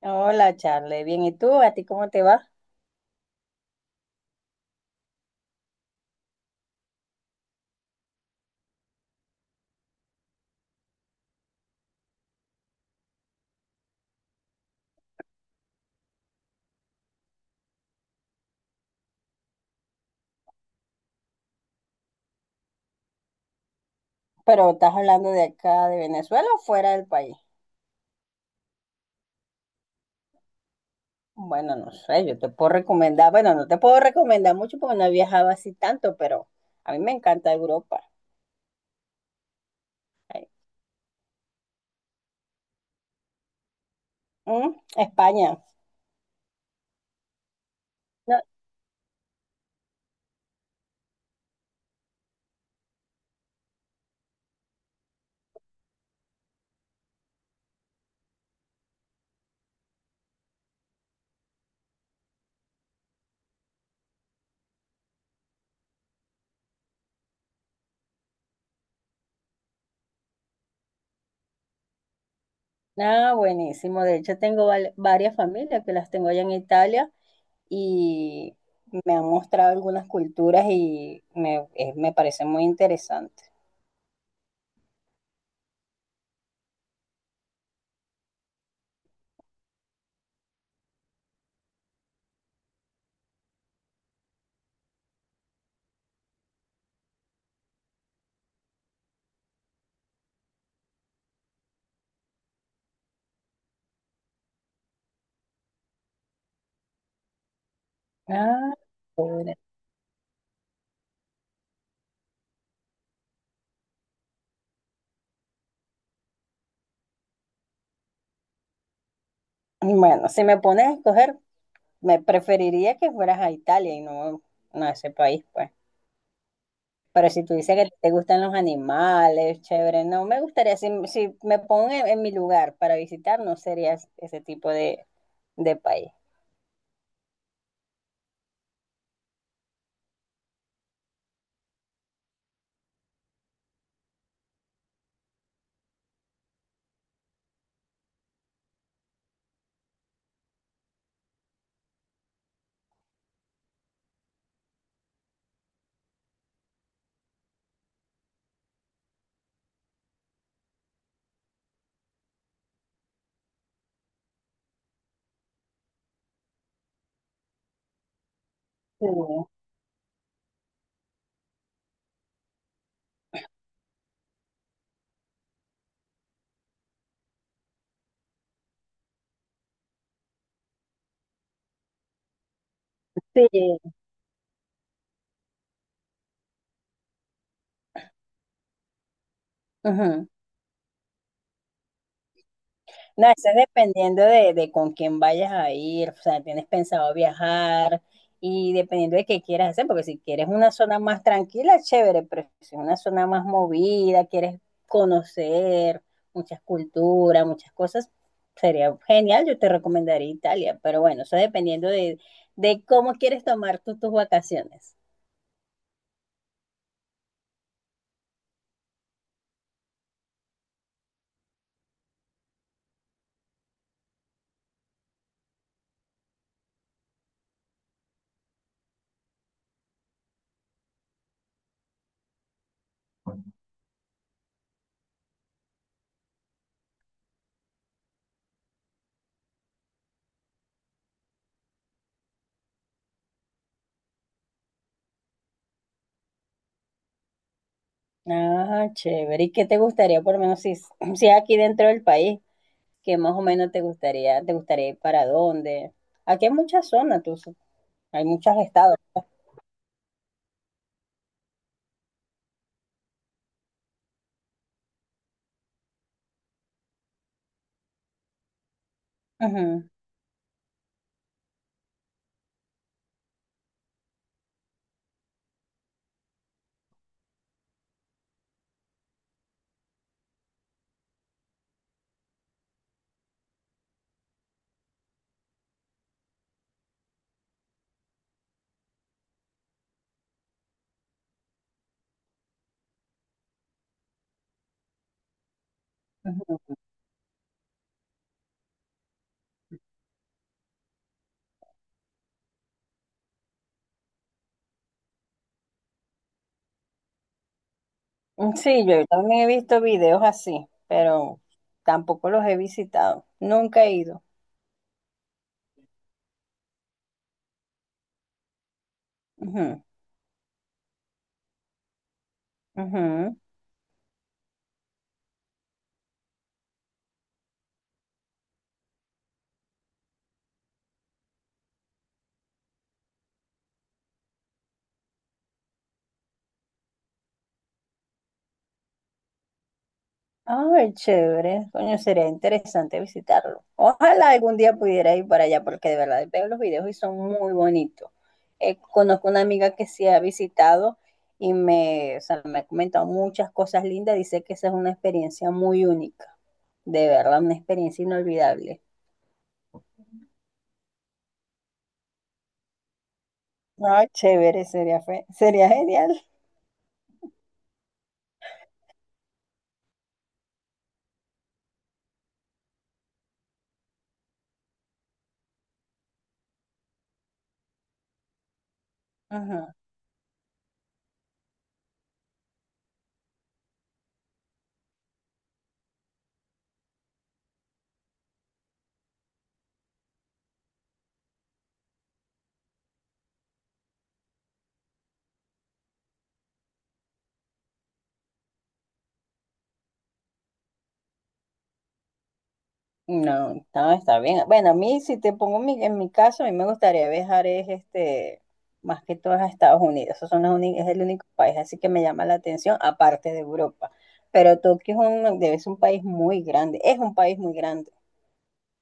Hola, Charlie. Bien, ¿y tú? ¿A ti cómo te va? Pero estás hablando de acá, de Venezuela o fuera del país. Bueno, no sé, yo te puedo recomendar, bueno, no te puedo recomendar mucho porque no he viajado así tanto, pero a mí me encanta Europa. Ay, mm, España. No, nada, buenísimo. De hecho, tengo varias familias que las tengo allá en Italia y me han mostrado algunas culturas y me, me parece muy interesante. Ah, pobre. Bueno, si me pones a escoger, me preferiría que fueras a Italia y no, no a ese país, pues. Pero si tú dices que te gustan los animales, chévere, no, me gustaría, si, si me pongo en mi lugar para visitar, no sería ese tipo de país. Sí, sí. Ujú. No, eso es dependiendo de con quién vayas a ir, o sea, tienes pensado viajar y dependiendo de qué quieras hacer, porque si quieres una zona más tranquila, chévere, pero si es una zona más movida, quieres conocer muchas culturas, muchas cosas, sería genial, yo te recomendaría Italia, pero bueno, eso dependiendo de cómo quieres tomar tú tus vacaciones. Ah, chévere, ¿y qué te gustaría por lo menos si, si es aquí dentro del país? ¿Que más o menos te gustaría ir para dónde? Aquí hay muchas zonas, tú, hay muchos estados. Ujú, ujú. Mm, sí, yo también he visto videos así, pero tampoco los he visitado. Nunca he ido. Ujú, ujú. Ay, chévere. Coño, sería interesante visitarlo. Ojalá algún día pudiera ir para allá porque de verdad veo los videos y son muy bonitos. Conozco una amiga que sí ha visitado y me, o sea, me ha comentado muchas cosas lindas. Dice que esa es una experiencia muy única. De verdad, una experiencia inolvidable. Ay, chévere, sería, sería genial. Ujú. No, no, está bien. Bueno, a mí, si te pongo en mi caso, a mí me gustaría viajar es este, más que todo a Estados Unidos. Esos son los es el único país así que me llama la atención, aparte de Europa. Pero Tokio es un, debe ser un país muy grande, es un país muy grande,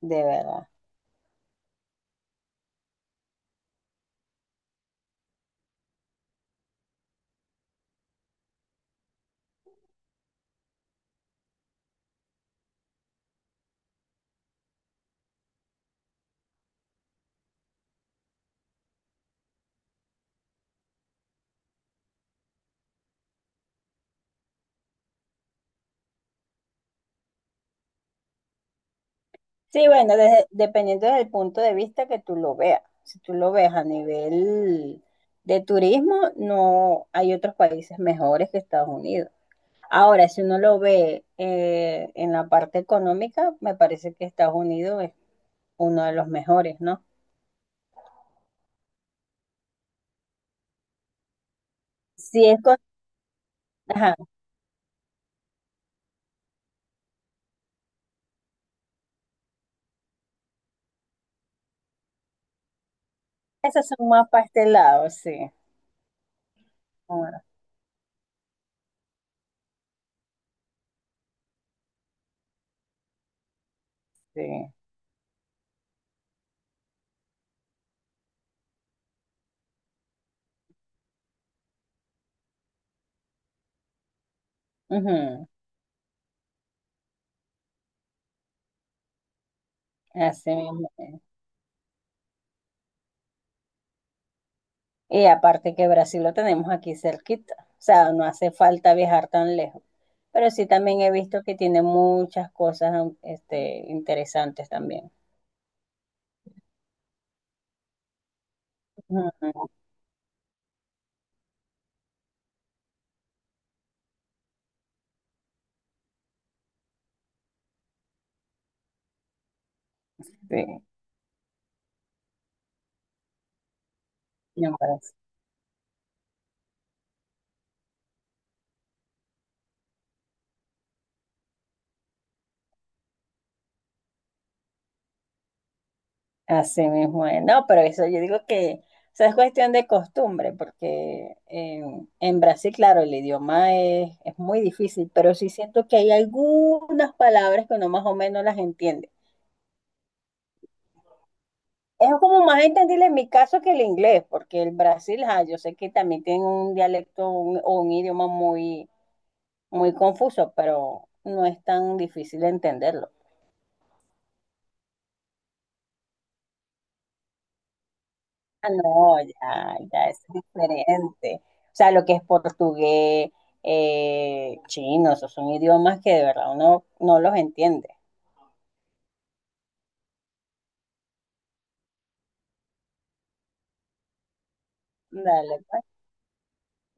de verdad. Sí, bueno, dependiendo del punto de vista que tú lo veas. Si tú lo ves a nivel de turismo, no hay otros países mejores que Estados Unidos. Ahora, si uno lo ve en la parte económica, me parece que Estados Unidos es uno de los mejores, ¿no? Sí, es con... Ajá, esas son más pastelados, sí. Ahora sí. Ujú, así mismo es. Y aparte que Brasil lo tenemos aquí cerquita, o sea, no hace falta viajar tan lejos. Pero sí también he visto que tiene muchas cosas este, interesantes también. Ujú, sí, me parece. Así mismo es. No, pero eso yo digo que o sea, es cuestión de costumbre, porque en Brasil, claro, el idioma es muy difícil, pero sí siento que hay algunas palabras que uno más o menos las entiende. Es como más entendible en mi caso que el inglés, porque el Brasil, ah, yo sé que también tiene un dialecto o un idioma muy, muy confuso, pero no es tan difícil entenderlo. Ah, no, ya, ya es diferente. O sea, lo que es portugués, chino, esos son idiomas que de verdad uno no los entiende. Dale, pues.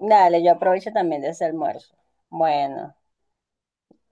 Dale, yo aprovecho también de ese almuerzo. Bueno.